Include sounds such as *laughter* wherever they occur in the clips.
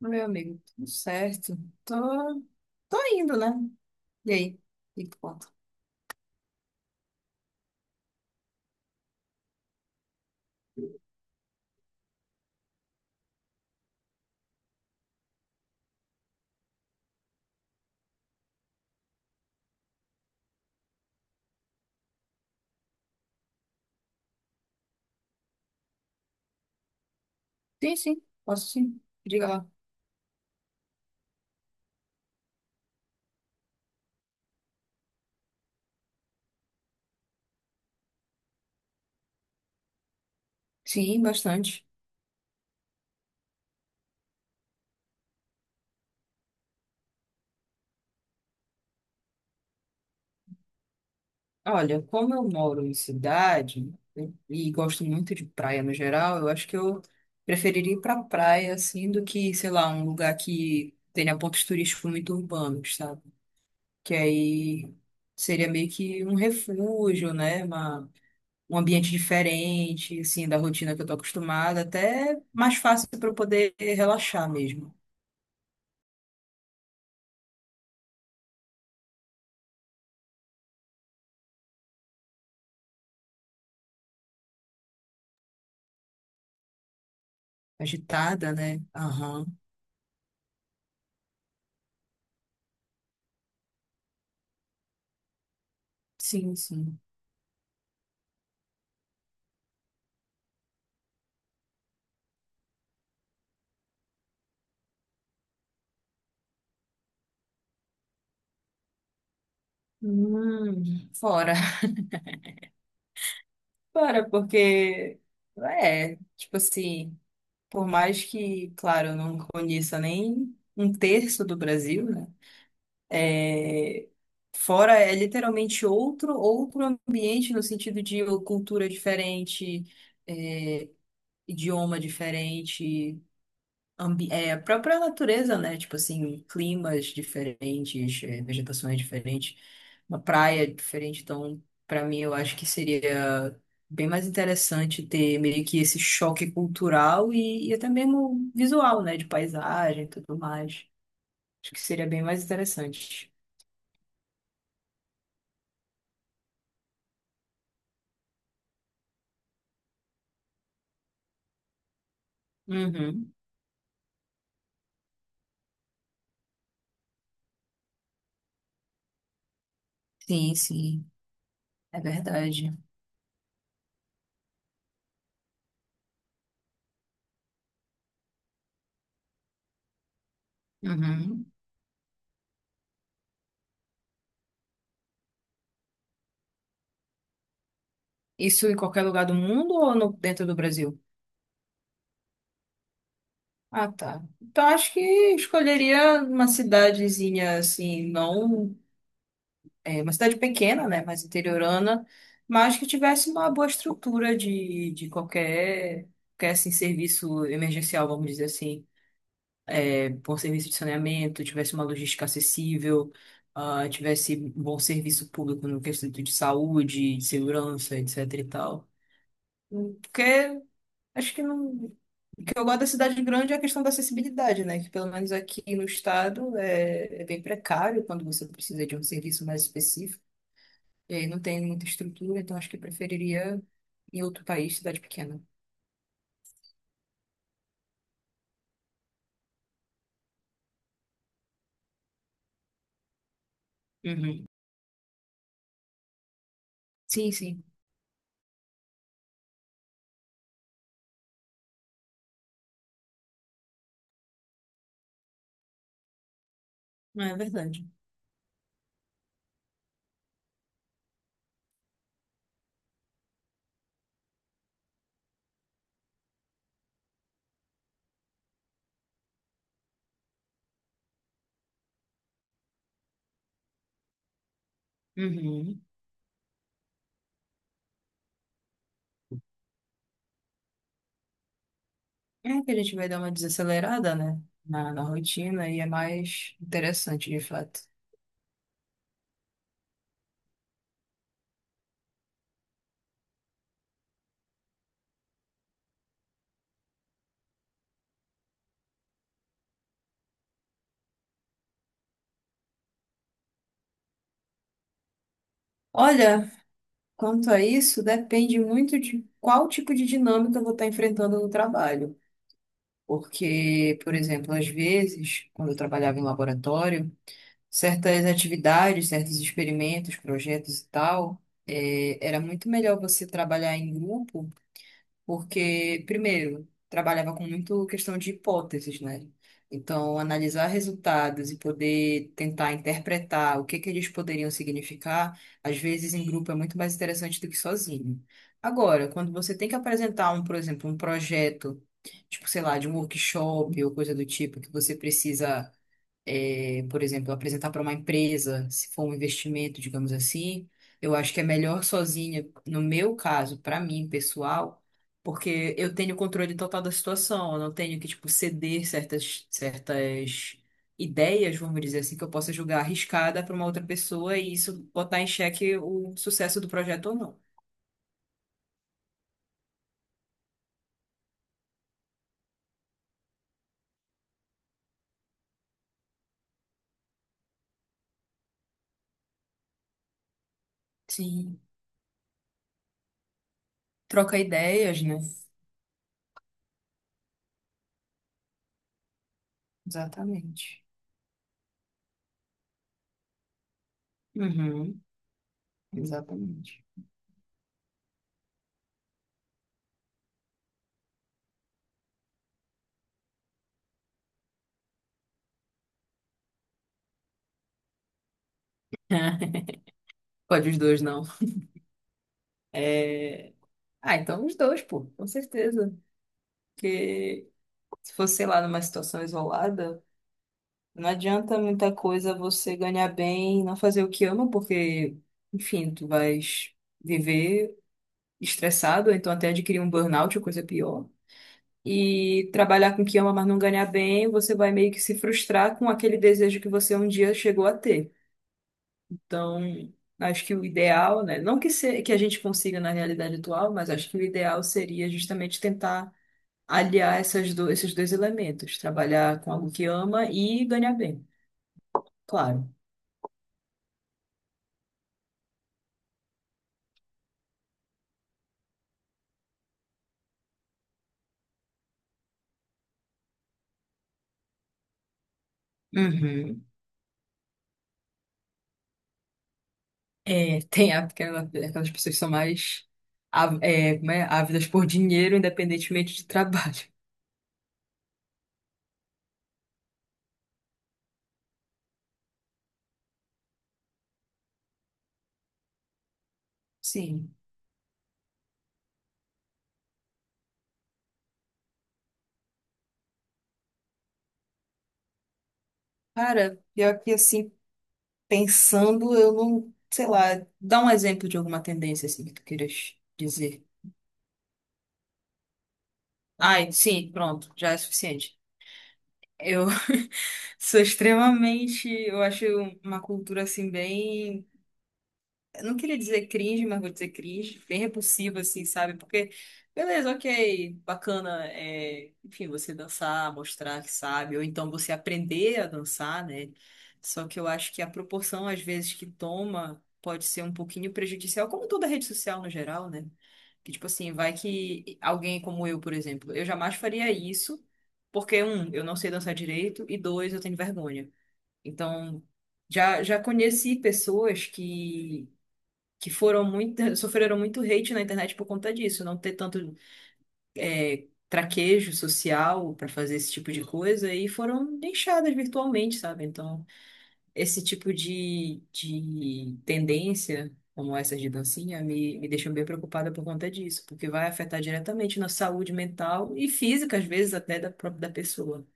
Meu amigo, tudo certo. Tô, tô indo, né? E aí? E que tu conta? Sim, sim, posso sim. Diga lá. Sim, bastante. Olha, como eu moro em cidade, né, e gosto muito de praia no geral, eu acho que eu preferiria ir pra praia, assim, do que, sei lá, um lugar que tenha pontos turísticos muito urbanos, sabe? Que aí seria meio que um refúgio, né? Uma um ambiente diferente, assim, da rotina que eu tô acostumada, até mais fácil para eu poder relaxar mesmo. Agitada, né? Aham. Sim, sim. Fora. *laughs* Fora, porque é, tipo assim, por mais que, claro, eu não conheça nem um terço do Brasil, né? É, fora é literalmente outro ambiente no sentido de cultura diferente, é, idioma diferente. A própria natureza, né? Tipo assim, climas diferentes, vegetações diferentes, uma praia diferente. Então, para mim, eu acho que seria bem mais interessante ter meio que esse choque cultural e até mesmo visual, né? De paisagem e tudo mais. Acho que seria bem mais interessante. Uhum. Sim, sim, é verdade. Uhum. Isso em qualquer lugar do mundo ou dentro do Brasil? Ah, tá. Então acho que escolheria uma cidadezinha assim, não é, uma cidade pequena, né, mais interiorana, mas que tivesse uma boa estrutura de qualquer, qualquer assim, serviço emergencial, vamos dizer assim. É, bom serviço de saneamento, tivesse uma logística acessível, tivesse bom serviço público no quesito de saúde, de segurança, etc e tal. Porque acho que não. O que eu gosto da cidade grande é a questão da acessibilidade, né? Que pelo menos aqui no estado é bem precário quando você precisa de um serviço mais específico. E aí não tem muita estrutura, então acho que eu preferiria em outro país, cidade pequena. Uhum. Sim, sim. Não, é verdade. Uhum. É que a gente vai dar uma desacelerada, né? Na rotina, e é mais interessante, de fato. Olha, quanto a isso, depende muito de qual tipo de dinâmica eu vou estar enfrentando no trabalho. Porque, por exemplo, às vezes, quando eu trabalhava em laboratório, certas atividades, certos experimentos, projetos e tal, era muito melhor você trabalhar em grupo, porque, primeiro, trabalhava com muito questão de hipóteses, né? Então, analisar resultados e poder tentar interpretar o que que eles poderiam significar, às vezes em grupo é muito mais interessante do que sozinho. Agora, quando você tem que apresentar um, por exemplo, um projeto, tipo, sei lá, de um workshop ou coisa do tipo, que você precisa, por exemplo, apresentar para uma empresa, se for um investimento, digamos assim, eu acho que é melhor sozinha, no meu caso, para mim, pessoal, porque eu tenho controle total da situação, eu não tenho que, tipo, ceder certas ideias, vamos dizer assim, que eu possa julgar arriscada para uma outra pessoa e isso botar em xeque o sucesso do projeto ou não. Sim. Troca ideias, né? Exatamente. Uhum, exatamente. *laughs* Pode os dois, não. É, Ah, então os dois, pô, com certeza. Porque se fosse, sei lá, numa situação isolada, não adianta muita coisa você ganhar bem e não fazer o que ama, porque, enfim, tu vais viver estressado, ou então até adquirir um burnout ou coisa pior. E trabalhar com o que ama, mas não ganhar bem, você vai meio que se frustrar com aquele desejo que você um dia chegou a ter. Então, acho que o ideal, né? Não que, se, que a gente consiga na realidade atual, mas acho que o ideal seria justamente tentar aliar esses dois elementos, trabalhar com algo que ama e ganhar bem, claro. Uhum. É, tem aquelas pessoas que são mais como é? Ávidas por dinheiro, independentemente de trabalho. Sim. Cara, pior que assim, pensando, eu não, sei lá, dá um exemplo de alguma tendência assim que tu queiras dizer. Ai, sim, pronto, já é suficiente. Eu *laughs* sou extremamente, eu acho, uma cultura assim bem, eu não queria dizer cringe, mas vou dizer cringe, bem repulsivo, assim, sabe? Porque, beleza, ok, bacana, enfim, você dançar, mostrar que sabe, ou então você aprender a dançar, né? Só que eu acho que a proporção, às vezes, que toma pode ser um pouquinho prejudicial, como toda rede social no geral, né? Que, tipo assim, vai que alguém como eu, por exemplo, eu jamais faria isso, porque, um, eu não sei dançar direito, e dois, eu tenho vergonha. Então, já conheci pessoas que foram muito, *laughs* sofreram muito hate na internet por conta disso, não ter tanto, traquejo social para fazer esse tipo de coisa e foram deixadas virtualmente, sabe? Então, esse tipo de tendência, como essas de dancinha, me deixam bem preocupada por conta disso, porque vai afetar diretamente na saúde mental e física, às vezes, até da própria da pessoa.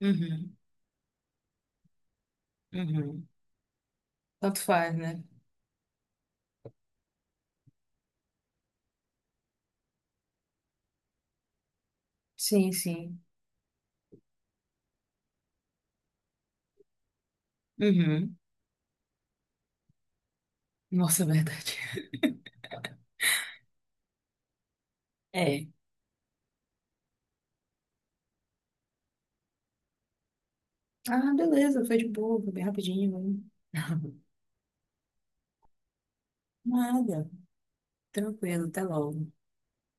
Uhum, uhum. Tanto faz, né? Sim, sim. Uhum. Nossa, é verdade. É. Ah, beleza, foi de boa, foi bem rapidinho, hein? *laughs* Nada, tranquilo, até logo.